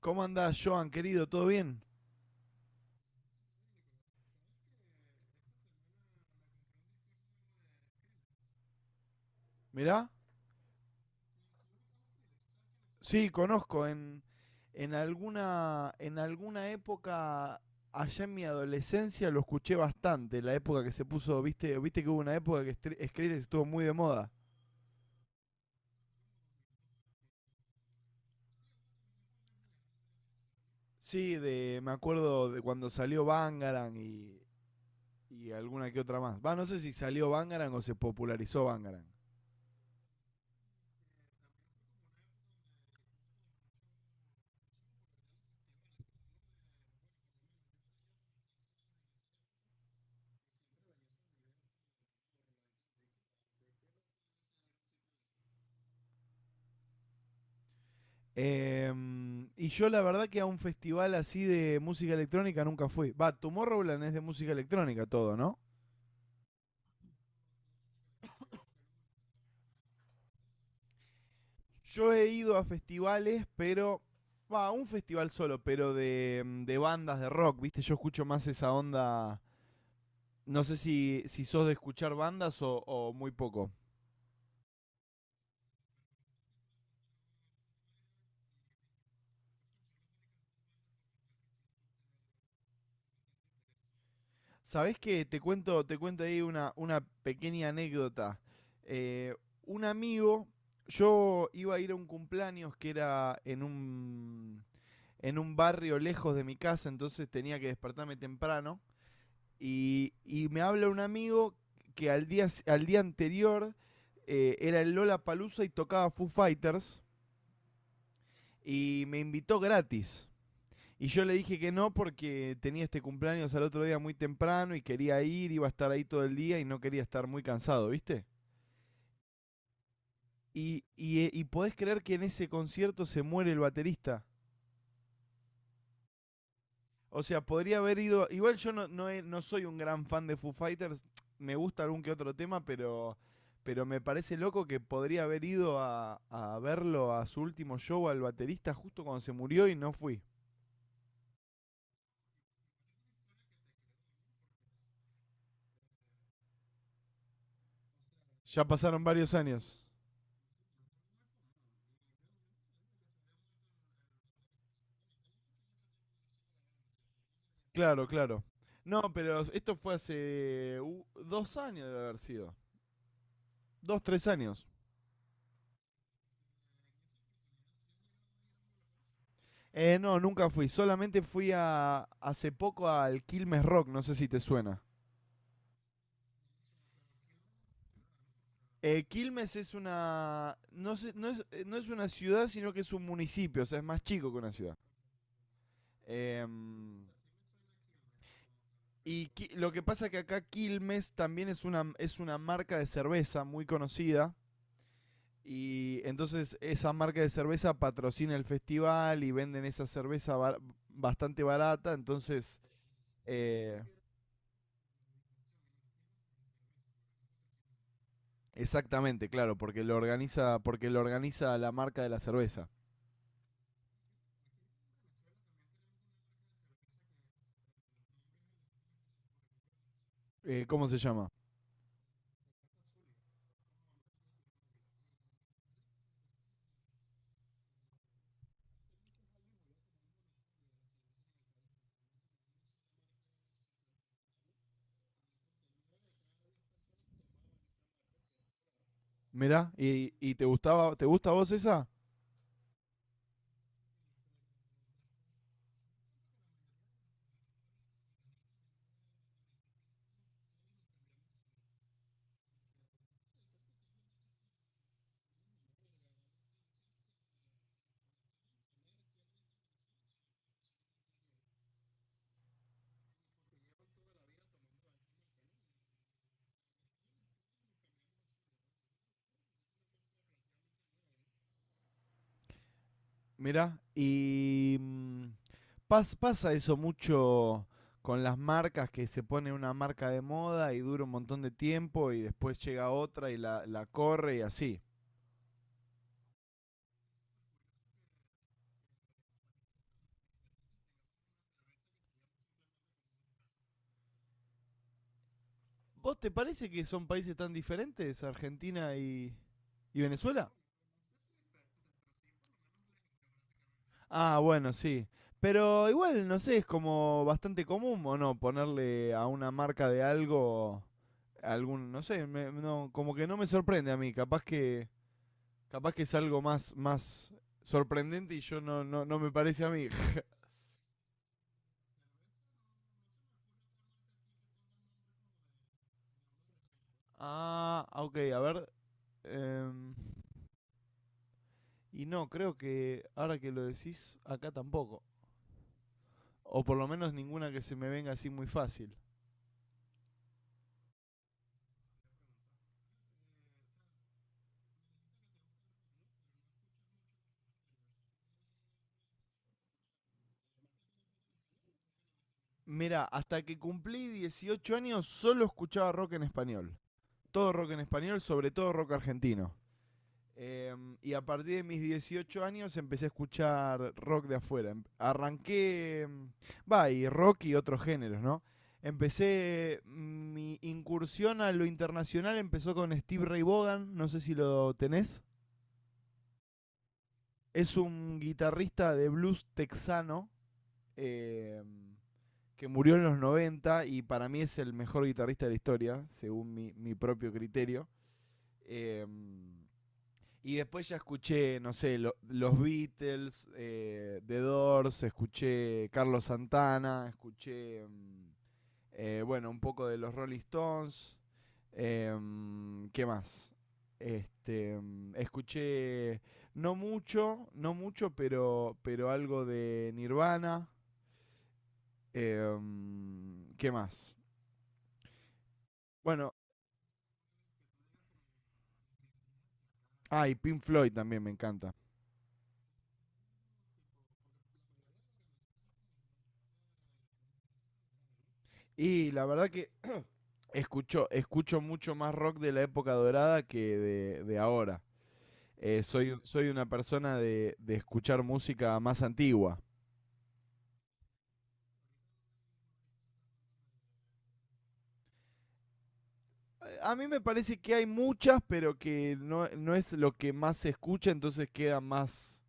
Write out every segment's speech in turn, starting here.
¿Cómo andás, Joan, querido? ¿Todo bien? Mirá. Sí, conozco. En alguna época, allá en mi adolescencia, lo escuché bastante. La época que se puso, viste, viste que hubo una época que Skrillex estuvo muy de moda. Sí, de, me acuerdo de cuando salió Bangarang y alguna que otra más. Va, no sé si salió Bangarang o se popularizó Bangarang. Y yo la verdad que a un festival así de música electrónica nunca fui. Va, Tomorrowland es de música electrónica todo, ¿no? Yo he ido a festivales, pero. Va, un festival solo, pero de, de bandas de rock, ¿viste? Yo escucho más esa onda. No sé si, si sos de escuchar bandas o muy poco. ¿Sabés qué? Te cuento ahí una pequeña anécdota. Eh, un amigo, yo iba a ir a un cumpleaños que era en en un barrio lejos de mi casa, entonces tenía que despertarme temprano. Y me habla un amigo que al día anterior era el Lola Palusa y tocaba Foo Fighters y me invitó gratis. Y yo le dije que no porque tenía este cumpleaños al otro día muy temprano y quería ir, iba a estar ahí todo el día y no quería estar muy cansado, ¿viste? Y podés creer que en ese concierto se muere el baterista. O sea, podría haber ido. Igual yo no soy un gran fan de Foo Fighters. Me gusta algún que otro tema, pero. Pero me parece loco que podría haber ido a verlo a su último show al baterista justo cuando se murió y no fui. Ya pasaron varios años. Claro, claro. No, pero esto fue hace 2 años de haber sido. Dos, 3 años. No, nunca fui. Solamente fui a hace poco al Quilmes Rock. No sé si te suena. Quilmes es una. No es, no es una ciudad, sino que es un municipio, o sea, es más chico que una ciudad. Em, lo que pasa es que acá Quilmes también es es una marca de cerveza muy conocida. Y entonces esa marca de cerveza patrocina el festival y venden esa cerveza bastante barata. Entonces, eh, exactamente, claro, porque lo organiza la marca de la cerveza. ¿Cómo se llama? Mirá, y te gustaba, te gusta a vos esa? Mirá, y pasa eso mucho con las marcas, que se pone una marca de moda y dura un montón de tiempo y después llega otra y la corre y así. ¿Vos te parece que son países tan diferentes, Argentina y Venezuela? Ah, bueno, sí. Pero igual, no sé, es como bastante común o no ponerle a una marca de algo algún, no sé, como que no me sorprende a mí, capaz que... Capaz que es algo más, más sorprendente y yo no me parece a mí. Ah, ok, a ver. em, y no, creo que ahora que lo decís, acá tampoco. O por lo menos ninguna que se me venga así muy fácil. Mira, hasta que cumplí 18 años solo escuchaba rock en español. Todo rock en español, sobre todo rock argentino. Y a partir de mis 18 años empecé a escuchar rock de afuera. Y rock y otros géneros, ¿no? Empecé, mi incursión a lo internacional empezó con Steve Ray Vaughan, no sé si lo tenés. Es un guitarrista de blues texano em, que murió en los 90 y para mí es el mejor guitarrista de la historia, según mi propio criterio. Em, Y después ya escuché, no sé, los Beatles, The Doors, escuché Carlos Santana, escuché, bueno, un poco de los Rolling Stones. ¿Qué más? Escuché no mucho, pero algo de Nirvana. ¿Qué más? Bueno, ah, y Pink Floyd también me encanta. Y la verdad que escucho mucho más rock de la época dorada que de ahora. Soy una persona de escuchar música más antigua. A mí me parece que hay muchas, pero que no, no es lo que más se escucha, entonces queda más...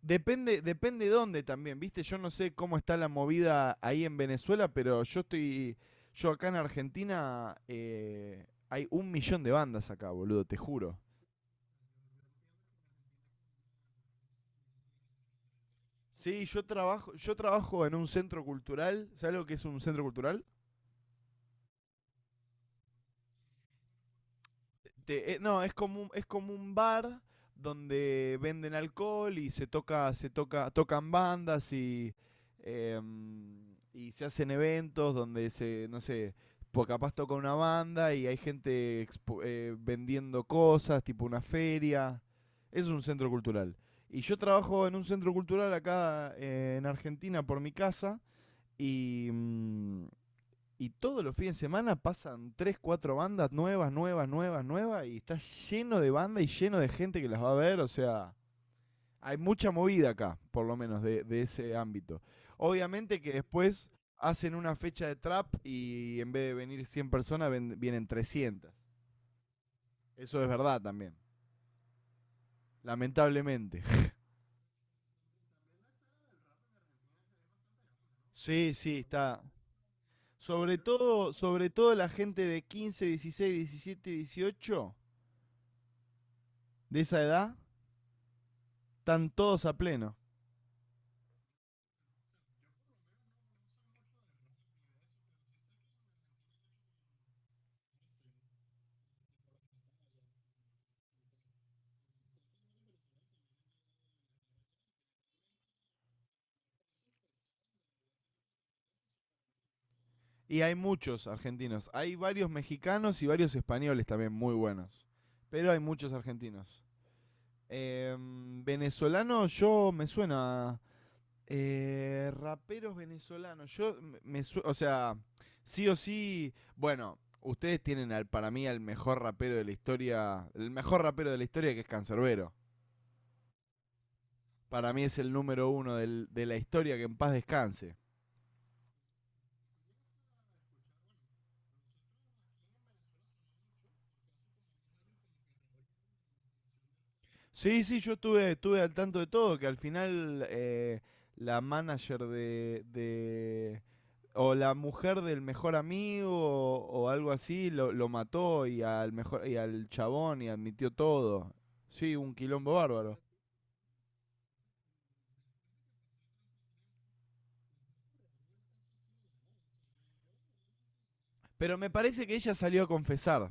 Depende, depende dónde también, ¿viste? Yo no sé cómo está la movida ahí en Venezuela, pero yo estoy... Yo acá en Argentina hay un millón de bandas acá, boludo, te juro. Sí, yo trabajo en un centro cultural. ¿Sabes lo que es un centro cultural? No, es como un bar donde venden alcohol y tocan bandas y y se hacen eventos donde se, no sé, pues capaz toca una banda y hay gente vendiendo cosas, tipo una feria. Eso es un centro cultural. Y yo trabajo en un centro cultural acá en Argentina por mi casa y Y todos los fines de semana pasan 3 4 bandas nuevas. Y está lleno de bandas y lleno de gente que las va a ver. O sea, hay mucha movida acá, por lo menos, de ese ámbito. Obviamente que después hacen una fecha de trap y en vez de venir 100 personas, vienen trescientas. Eso es verdad también. Lamentablemente. Sí, sí, está. Sobre todo la gente de 15, 16, 17, 18 de esa edad, están todos a pleno. Y hay muchos argentinos. Hay varios mexicanos y varios españoles también muy buenos. Pero hay muchos argentinos. Venezolano, yo me suena. Eh, raperos venezolanos. O sea, sí o sí. Bueno, ustedes tienen al, para mí al mejor rapero de la historia. El mejor rapero de la historia que es Cancerbero. Para mí es el número uno de la historia que en paz descanse. Sí, sí, estuve al tanto de todo, que al final la manager o la mujer del mejor amigo o algo así lo mató y al chabón y admitió todo. Sí, un quilombo bárbaro. Pero me parece que ella salió a confesar.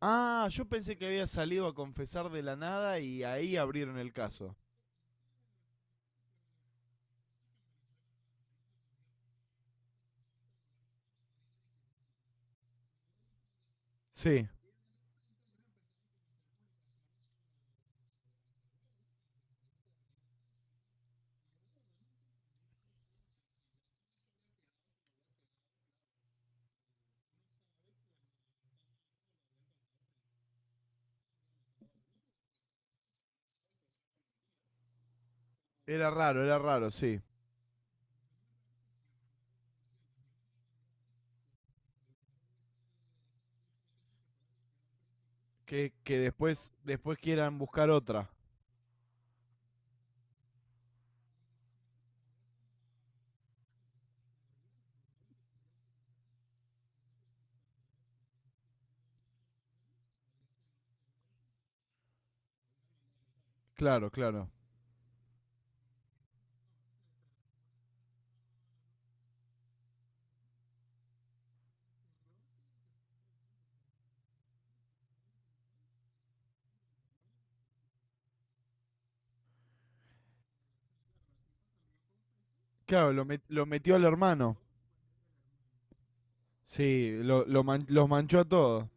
Ah, yo pensé que había salido a confesar de la nada y ahí abrieron el caso. Sí, era raro, sí. Que después quieran buscar otra. Claro, claro. Claro, lo metió al hermano. Sí, los manchó a todos.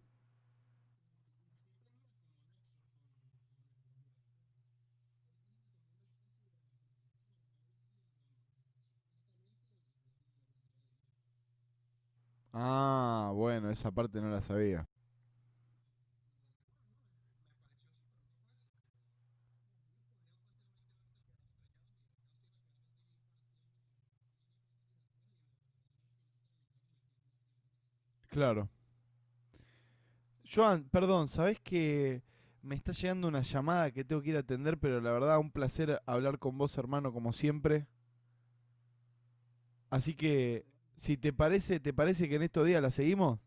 Ah, bueno, esa parte no la sabía. Claro. Joan, perdón, ¿sabés que me está llegando una llamada que tengo que ir a atender, pero la verdad, un placer hablar con vos, hermano, como siempre. Así que, si te parece, ¿te parece que en estos días la seguimos?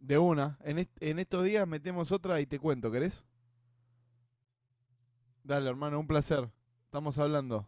De una. En estos días metemos otra y te cuento, ¿querés? Dale, hermano, un placer. Estamos hablando.